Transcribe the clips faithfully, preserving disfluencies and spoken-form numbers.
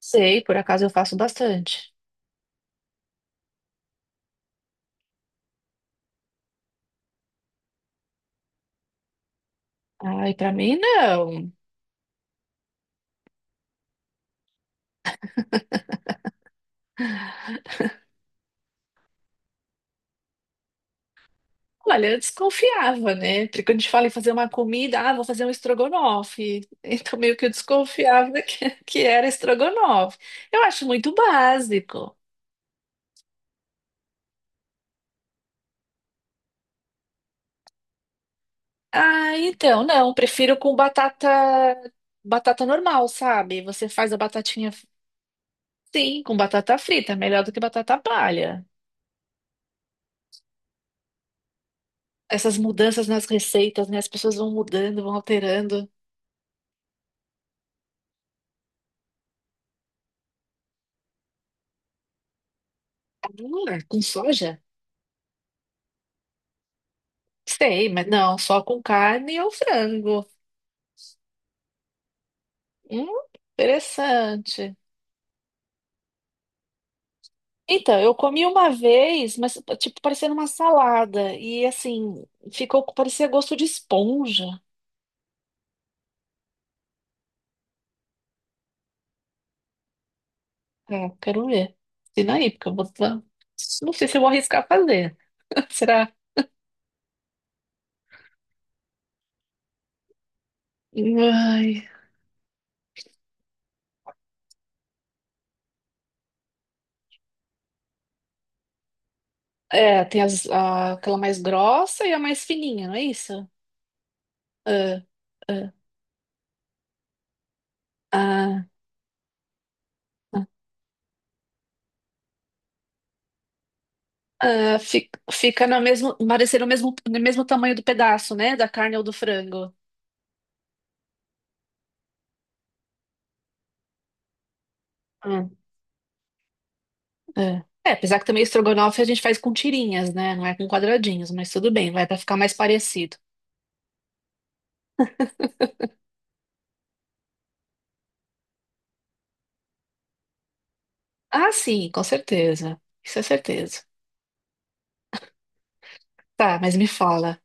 Sei, por acaso eu faço bastante. Ai, pra mim não. Olha, eu desconfiava, né? Porque quando a gente fala em fazer uma comida, ah, vou fazer um estrogonofe. Então meio que eu desconfiava que, que era estrogonofe. Eu acho muito básico. Ah, então, não, prefiro com batata batata normal, sabe? Você faz a batatinha, sim, com batata frita, melhor do que batata palha. Essas mudanças nas receitas, né? As pessoas vão mudando, vão alterando. Hum, com soja? Sei, mas não, só com carne ou frango. Hum, interessante. Então, eu comi uma vez, mas tipo, parecendo uma salada. E assim, ficou, parecia gosto de esponja. É, quero ver. E aí, porque eu vou. Não sei se eu vou arriscar fazer. Será? Ai. É, tem as- a- aquela mais grossa e a mais fininha, não é isso? Ah, ah, ah. Ah, fi- fica no mesmo, parecer o mesmo, no mesmo tamanho do pedaço, né? Da carne ou do frango. Hum. É. É, apesar que também estrogonofe a gente faz com tirinhas, né? Não é com quadradinhos, mas tudo bem, vai pra ficar mais parecido. Ah, sim, com certeza. Isso é certeza. Tá, mas me fala.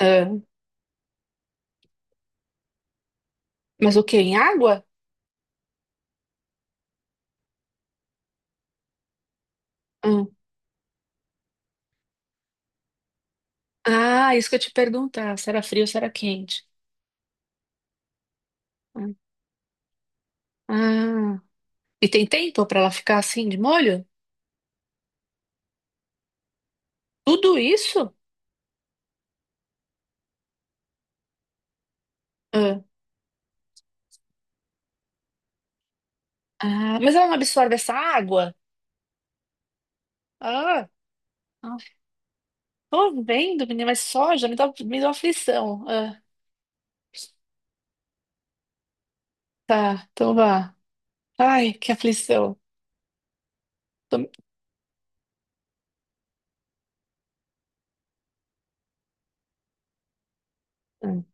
Ah, mas o quê? Em água? Hum. Ah, isso que eu te perguntar. Se era frio ou se era quente. Hum. Ah. E tem tempo pra ela ficar assim de molho? Tudo isso? Ah, ah, mas ela não absorve essa água? Ah. Ah. Tô vendo, menina, mas soja me dá, me dá aflição. Ah, tá, então vá. Ai, que aflição. Tô... Hum,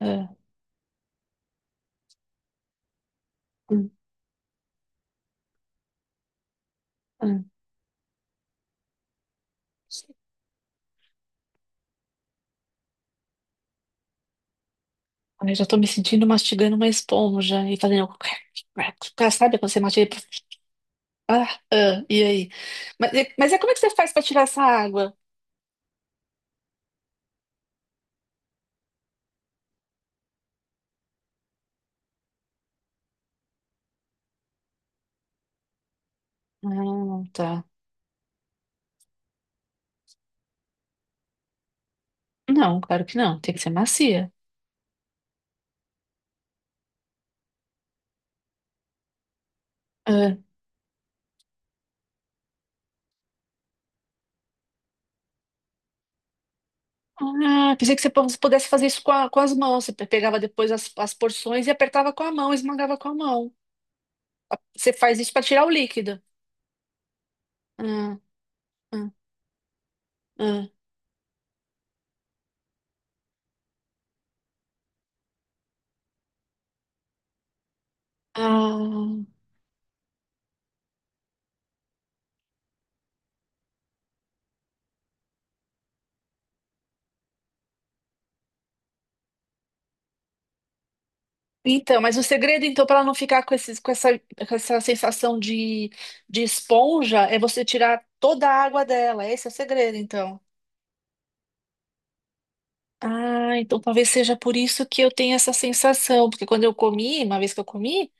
ah, ah, hum, hum. Ai, já tô me sentindo mastigando uma esponja e fazendo crack, crack, crack. Sabe quando você mastiga? e- Ah, ah, e aí? Mas, é- mas é como é que você faz pra tirar essa água? Ah, tá. Não, claro que não. Tem que ser macia. Ah, ah, pensei que você pu- pudesse fazer isso com, a- com as mãos. Você pe- pegava depois as, as porções e apertava com a mão, esmagava com a mão. Você faz isso para tirar o líquido. Ah, ah, ah, ah. Então, mas o segredo, então, para não ficar com esses, com essa, com essa sensação de, de esponja, é você tirar toda a água dela. Esse é o segredo, então. Ah, então talvez seja por isso que eu tenho essa sensação, porque quando eu comi, uma vez que eu comi,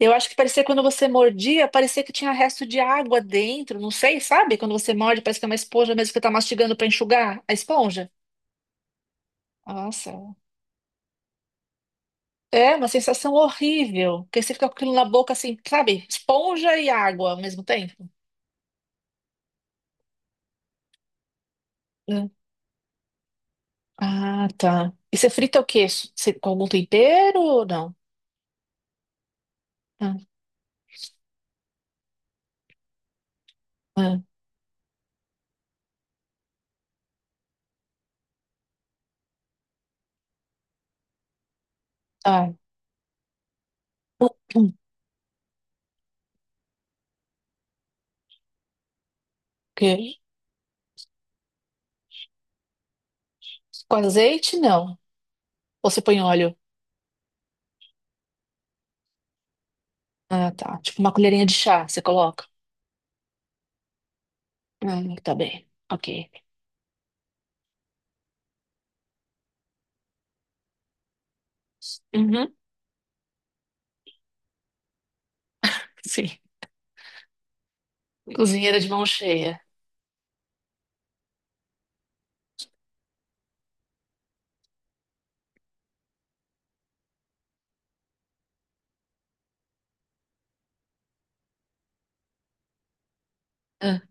eu acho que parecia quando você mordia, parecia que tinha resto de água dentro, não sei, sabe? Quando você morde, parece que é uma esponja mesmo que você tá mastigando para enxugar a esponja. Nossa. É uma sensação horrível, porque você fica com aquilo na boca assim, sabe? Esponja e água ao mesmo tempo. Hum. Ah, tá. E você frita o quê? Você, com algum tempero ou não? Ah, ah, ah. Hum, queijo. Com azeite, não. Ou você põe óleo? Ah, tá. Tipo uma colherinha de chá, você coloca? Ah, tá bem. Ok. Uhum, sim. Cozinheira de mão cheia. Ah.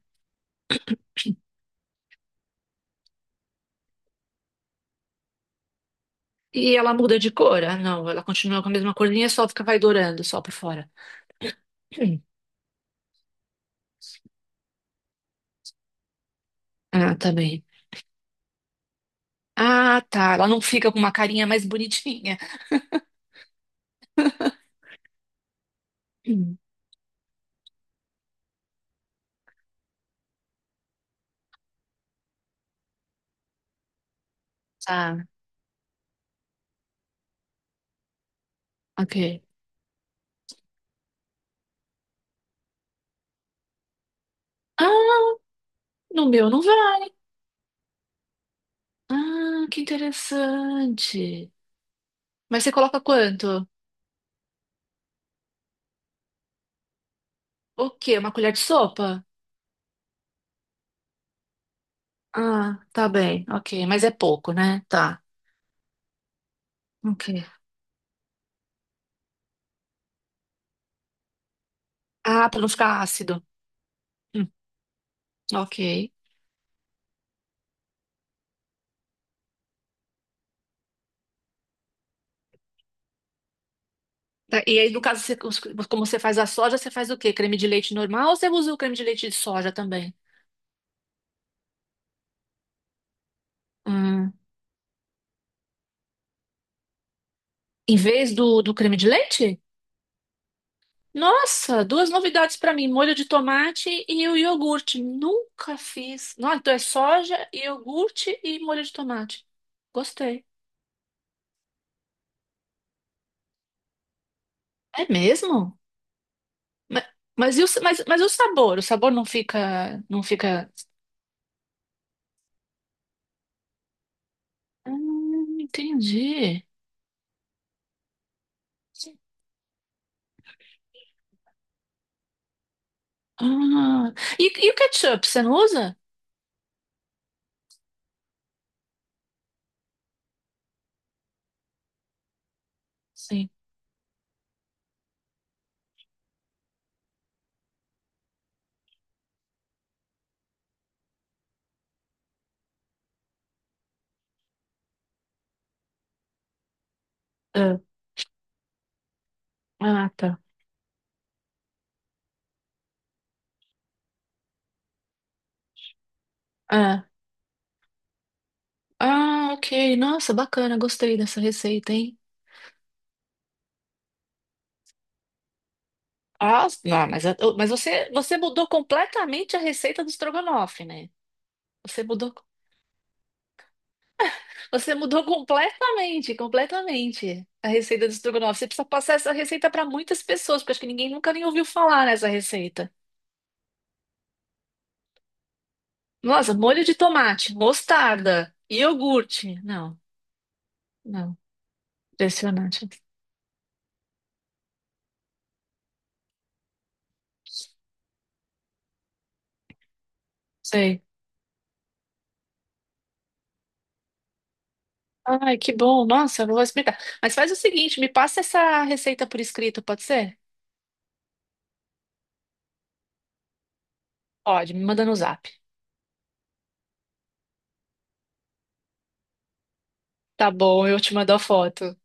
E ela muda de cor? Ah, não. Ela continua com a mesma corzinha, só fica, vai dourando, só por fora. Hum. Ah, tá bem. Ah, tá. Ela não fica com uma carinha mais bonitinha. Hum, Tá, ok. Ah, no meu não vai. Ah, que interessante. Mas você coloca quanto? O quê? Uma colher de sopa? Ah, tá bem, ok. Mas é pouco, né? Tá, ok. Ah, pra não ficar ácido. Hum, ok. Tá, e aí, no caso, você? Como você faz a soja, você faz o quê? Creme de leite normal ou você usa o creme de leite de soja também? Hum, em vez do, do creme de leite? Nossa, duas novidades para mim, molho de tomate e o iogurte. Nunca fiz. Não, então é soja, iogurte e molho de tomate. Gostei. É mesmo? Ma- Mas, e o, sa- mas, mas e o sabor? O sabor não fica, não fica. Hum, entendi. Ah, e, e o ketchup, você não usa? Sim. Ah, ah, tá. Ah, ah, ok. Nossa, bacana. Gostei dessa receita, hein? Ah, não, mas, eu- mas você, você mudou completamente a receita do estrogonofe, né? Você mudou, você mudou completamente, completamente a receita do estrogonofe. Você precisa passar essa receita para muitas pessoas, porque acho que ninguém nunca nem ouviu falar nessa receita. Nossa, molho de tomate, mostarda, iogurte. Não, não, impressionante. Sei. Ai, que bom. Nossa, eu vou explicar. Mas faz o seguinte, me passa essa receita por escrito, pode ser? Pode, me manda no zap. Tá bom, eu te mando a foto.